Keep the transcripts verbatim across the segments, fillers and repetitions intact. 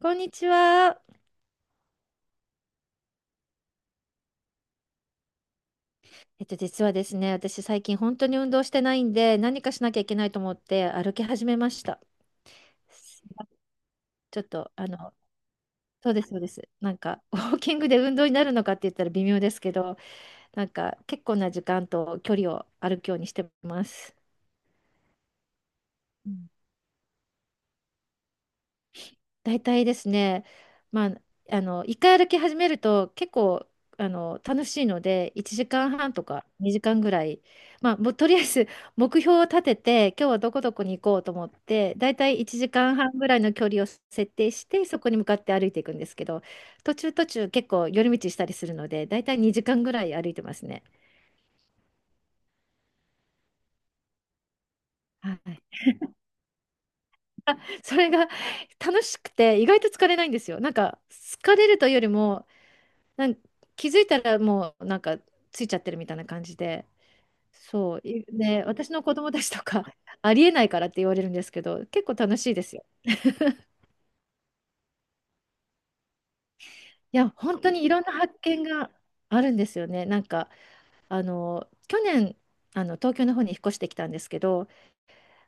こんにちは。えっと、実はですね、私最近本当に運動してないんで、何かしなきゃいけないと思って歩き始めました。ちょっと、あの、そうです、そうです。なんか、ウォーキングで運動になるのかって言ったら微妙ですけど、なんか、結構な時間と距離を歩くようにしてます。大体ですね、まあ、あの、一回歩き始めると結構、あの、楽しいので、いちじかんはんとかにじかんぐらい、まあ、もうとりあえず 目標を立てて、今日はどこどこに行こうと思って、大体いちじかんはんぐらいの距離を設定して、そこに向かって歩いていくんですけど、途中途中結構寄り道したりするので、大体にじかんぐらい歩いてますね。はい。それが楽しくて、意外と疲れないんですよ。なんか、疲れるというよりも、なん気づいたらもうなんかついちゃってるみたいな感じで、そう、いで、私の子供たちとか ありえないからって言われるんですけど、結構楽しいですよ。いや、本当にいろんな発見があるんですよね。なんか、あの、去年、あの東京の方に引っ越してきたんですけど、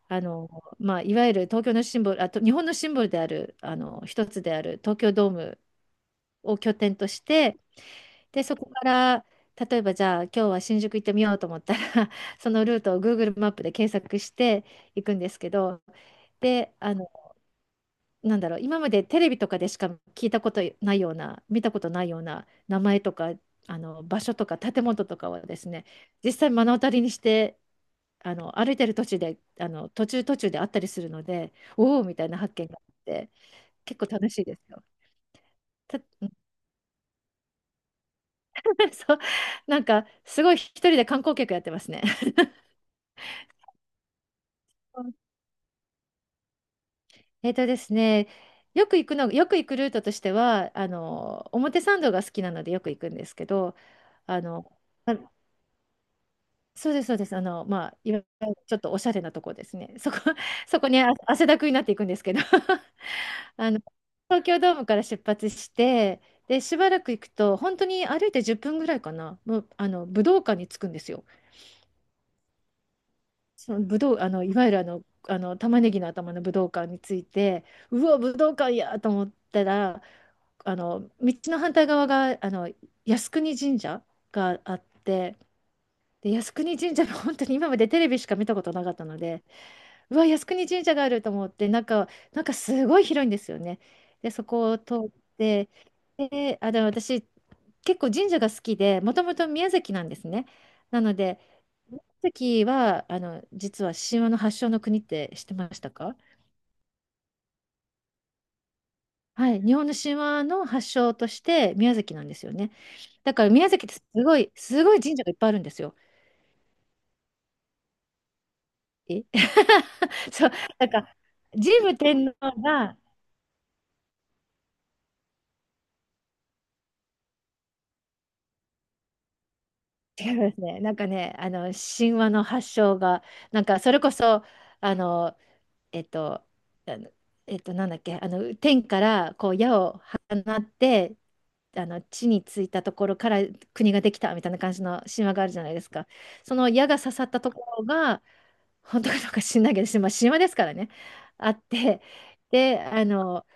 あのまあ、いわゆる東京のシンボル、あと日本のシンボルであるあの一つである東京ドームを拠点として、で、そこから、例えばじゃあ今日は新宿行ってみようと思ったら そのルートを Google マップで検索していくんですけど、で、あの、なんだろう、今までテレビとかでしか聞いたことないような、見たことないような名前とか、あの、場所とか建物とかはですね、実際目の当たりにして、あの、歩いてる途中で、あの、途中途中であったりするので、おおみたいな発見があって、結構楽しいですよ。た そう、なんかすごい一人で観光客やってますね。えっとですね、よく行くの、よく行くルートとしては、あの、表参道が好きなのでよく行くんですけど、あの、あ、そうです、そうです。あの、まあ、いわゆるちょっとおしゃれなとこですね。そこ、そこにあ汗だくになっていくんですけど、あの、東京ドームから出発して、で、しばらく行くと、本当に歩いてじゅっぷんぐらいかな、もう、あの、武道館に着くんですよ。その武道、あの、いわゆるあの、あの玉ねぎの頭の武道館について、うわ、武道館やと思ったら、あの道の反対側があの靖国神社があって、で靖国神社の、本当に今までテレビしか見たことなかったので、うわ、靖国神社があると思って、なんか、なんかすごい広いんですよね。で、そこを通って、で、あの、でも私、結構神社が好きで、もともと宮崎なんですね。なので、宮崎は、あの、実は神話の発祥の国って知ってましたか？はい、日本の神話の発祥として宮崎なんですよね。だから宮崎ってすごい、すごい神社がいっぱいあるんですよ。え そう、なんか、神武天皇が、違いますね。なんかね、あの神話の発祥が、なんかそれこそ、あの、えっと、あのえっと、なんだっけ、あの天からこう矢を放って、あの地についたところから国ができたみたいな感じの神話があるじゃないですか。その矢が刺さったところが、本当かどうか知んないけど、まあ、神話ですからね、あって、で、あの、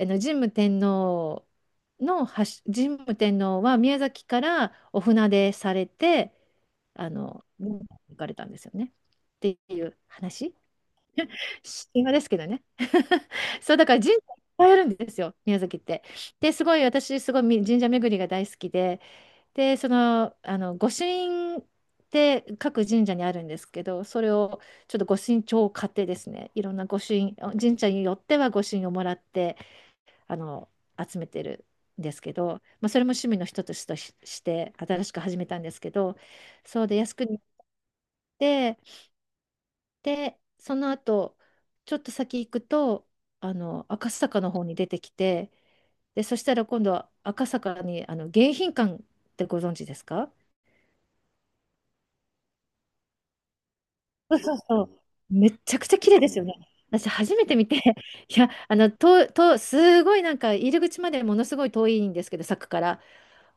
あの神武天皇の発、神武天皇は宮崎からお船でされて、あの、行かれたんですよね。っていう話。神話ですけどね。そう、だから神社いっぱいあるんですよ、宮崎って。で、すごい、私、すごい神社巡りが大好きで、で、その、あの、御朱印って各神社にあるんですけど、それをちょっと御朱印帳を買ってですね、いろんな御朱印、神社によっては御朱印をもらって、あの、集めてるんですけど、まあ、それも趣味の一つとし、して新しく始めたんですけど、そうで靖国に行って、で、その後、ちょっと先行くと、あの、赤坂の方に出てきて、で、そしたら今度は赤坂に、あの、迎賓館ってご存知ですか？そうそう。めっちゃくちゃ綺麗ですよね。私初めて見て、いや、あの、と、と、すごいなんか入り口までものすごい遠いんですけど、柵から。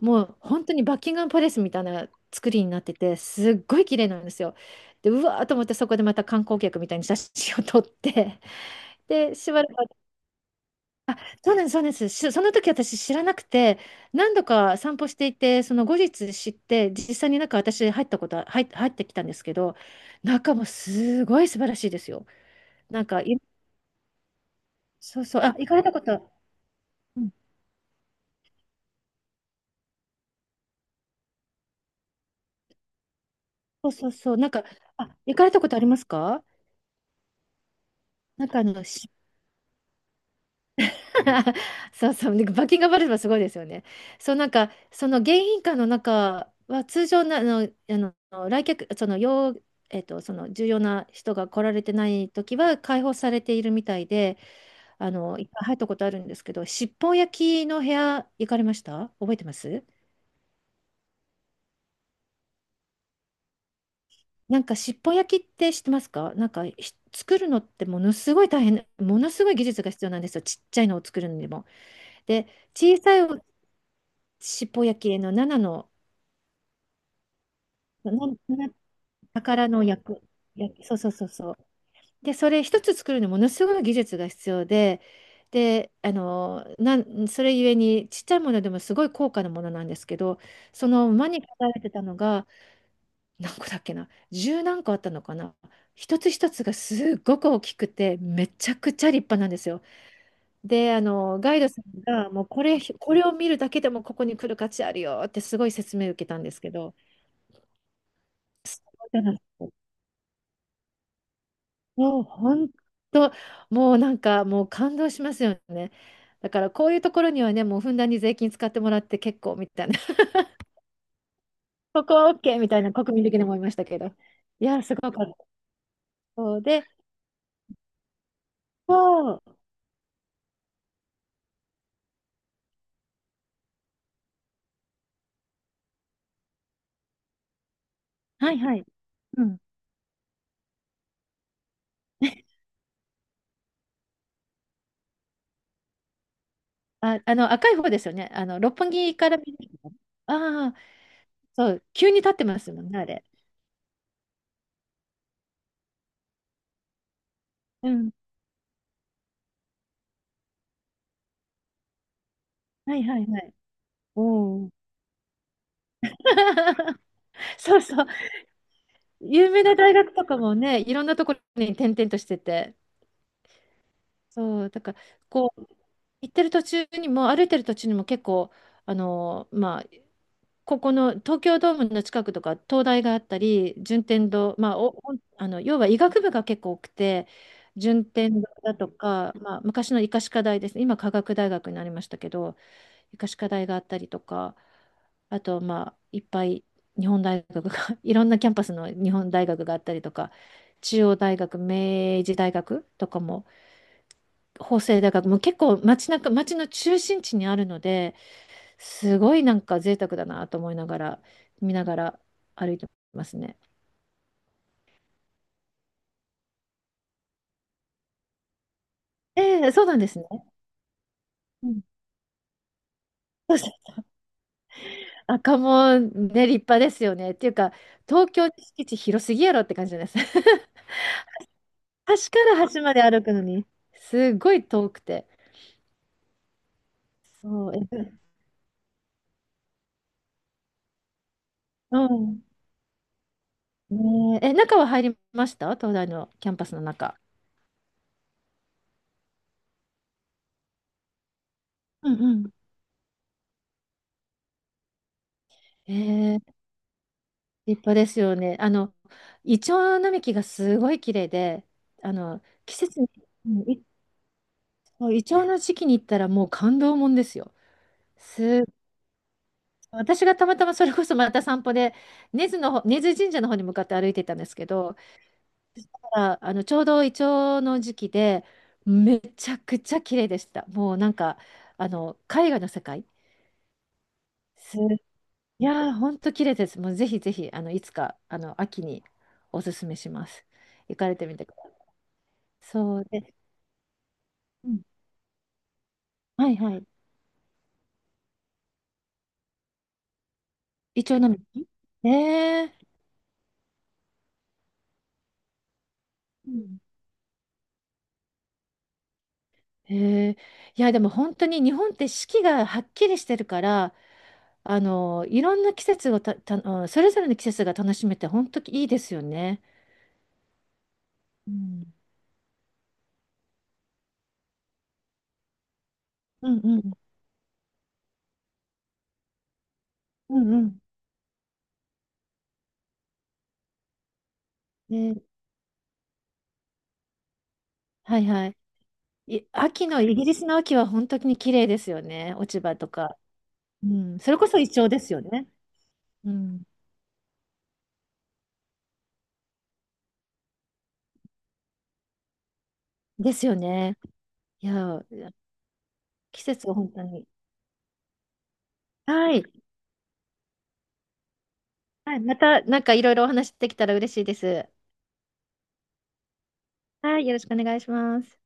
もう本当にバッキンガムパレスみたいな作りになってて、すっごい綺麗なんですよ。で、うわーと思ってそこでまた観光客みたいに写真を撮って、で、しばらくあ、そうなんです、そうなんです。しその時私知らなくて、何度か散歩していて、その後日知って、実際になんか私入ったことは、入っ、入ってきたんですけど、中もすごい素晴らしいですよ。なんか、い、そうそう、あ、行かれたこと、うん、そうそうそう、なんか、あ、行かれたことありますか？なんかあの、そうそう、でバッキンガムパレスもすごいですよね。そう、なんか、その迎賓館の中は、通常な、あの、あの、来客、その、要、えっと、その、重要な人が来られてない時は、開放されているみたいで、あの、いっぱい入ったことあるんですけど、尻尾焼きの部屋、行かれました？覚えてます？なんか、尻尾焼きって知ってますか？なんか、ひ作るのってものすごい大変、ものすごい技術が必要なんですよ。ちっちゃいのを作るのにも。で、小さい尻尾焼きのななの、なな宝の役、役、そうそうそうそう。で、それ一つ作るのにものすごい技術が必要で、で、あの、なん、それゆえにちっちゃいものでもすごい高価なものなんですけど、その間に書かれてたのが、何個だっけな、十何個あったのかな。一つ一つがすっごく大きくて、めちゃくちゃ立派なんですよ。で、あの、ガイドさんが、もうこれ、これを見るだけでもここに来る価値あるよってすごい説明受けたんですけど、すごいじゃない？もう本当、もうなんかもう感動しますよね。だからこういうところにはね、もうふんだんに税金使ってもらって結構みたいな、ここは OK みたいな国民的に思いましたけど。いや、すごかった。そうで、そう、はいはい。うん。あ、あの赤い方ですよね。あの六本木から見るの。ああ、そう、急に立ってますもんね、あれ。うん。はいはいはい。おお。そうそう。有名な大学とかもね、いろんなところに転々としてて。そう、だから、こう、行ってる途中にも、歩いてる途中にも結構、あの、まあ、ここの東京ドームの近くとか、東大があったり、順天堂、まあ、お、お、あの、要は医学部が結構多くて、順天堂だとか、まあ、昔の医科歯科大ですね。今、科学大学になりましたけど、医科歯科大があったりとか、あと、まあ、いっぱい日本大学が いろんなキャンパスの日本大学があったりとか、中央大学、明治大学とかも、法政大学、もう結構街中、街の中心地にあるので、すごいなんか贅沢だなと思いながら、見ながら歩いてますね。ええ、そうなんですね。うん、そうそう、赤門ね、立派ですよね。っていうか、東京の敷地広すぎやろって感じです。端から端まで歩くのに、すごい遠くて。そう、え、うん。ねえ、え、中は入りました？東大のキャンパスの中。うんうん。え、立派ですよね。あの、イチョウ並木がすごい綺麗で、あの、季節に、うん、いイチョウの時期に行ったらもう感動もんですよ。す、私がたまたまそれこそまた散歩で、根津の方、根津神社の方に向かって歩いてたんですけど、あ、あの、ちょうどイチョウの時期で、めちゃくちゃ綺麗でした。もうなんか、あの、絵画の世界。す、いやー、ほんと綺麗です。もうぜひぜひ、あの、いつか、あの、秋におすすめします。行かれてみてください。そうで、うん、はいはい。イチョウ並木。ねえ、うん。え。へえ。いや、でも本当に日本って四季がはっきりしてるから、あの、いろんな季節をた、た、あのそれぞれの季節が楽しめて、本当にいいですよね。うんうんうん。うんうん。ね、はいはい。い、秋の、イギリスの秋は本当に綺麗ですよね。落ち葉とか。うん。それこそイチョウですよね。うん。ですよね。いや、季節が本当に。はい。はい、またなんかいろいろお話できたら嬉しいです。はい、よろしくお願いします。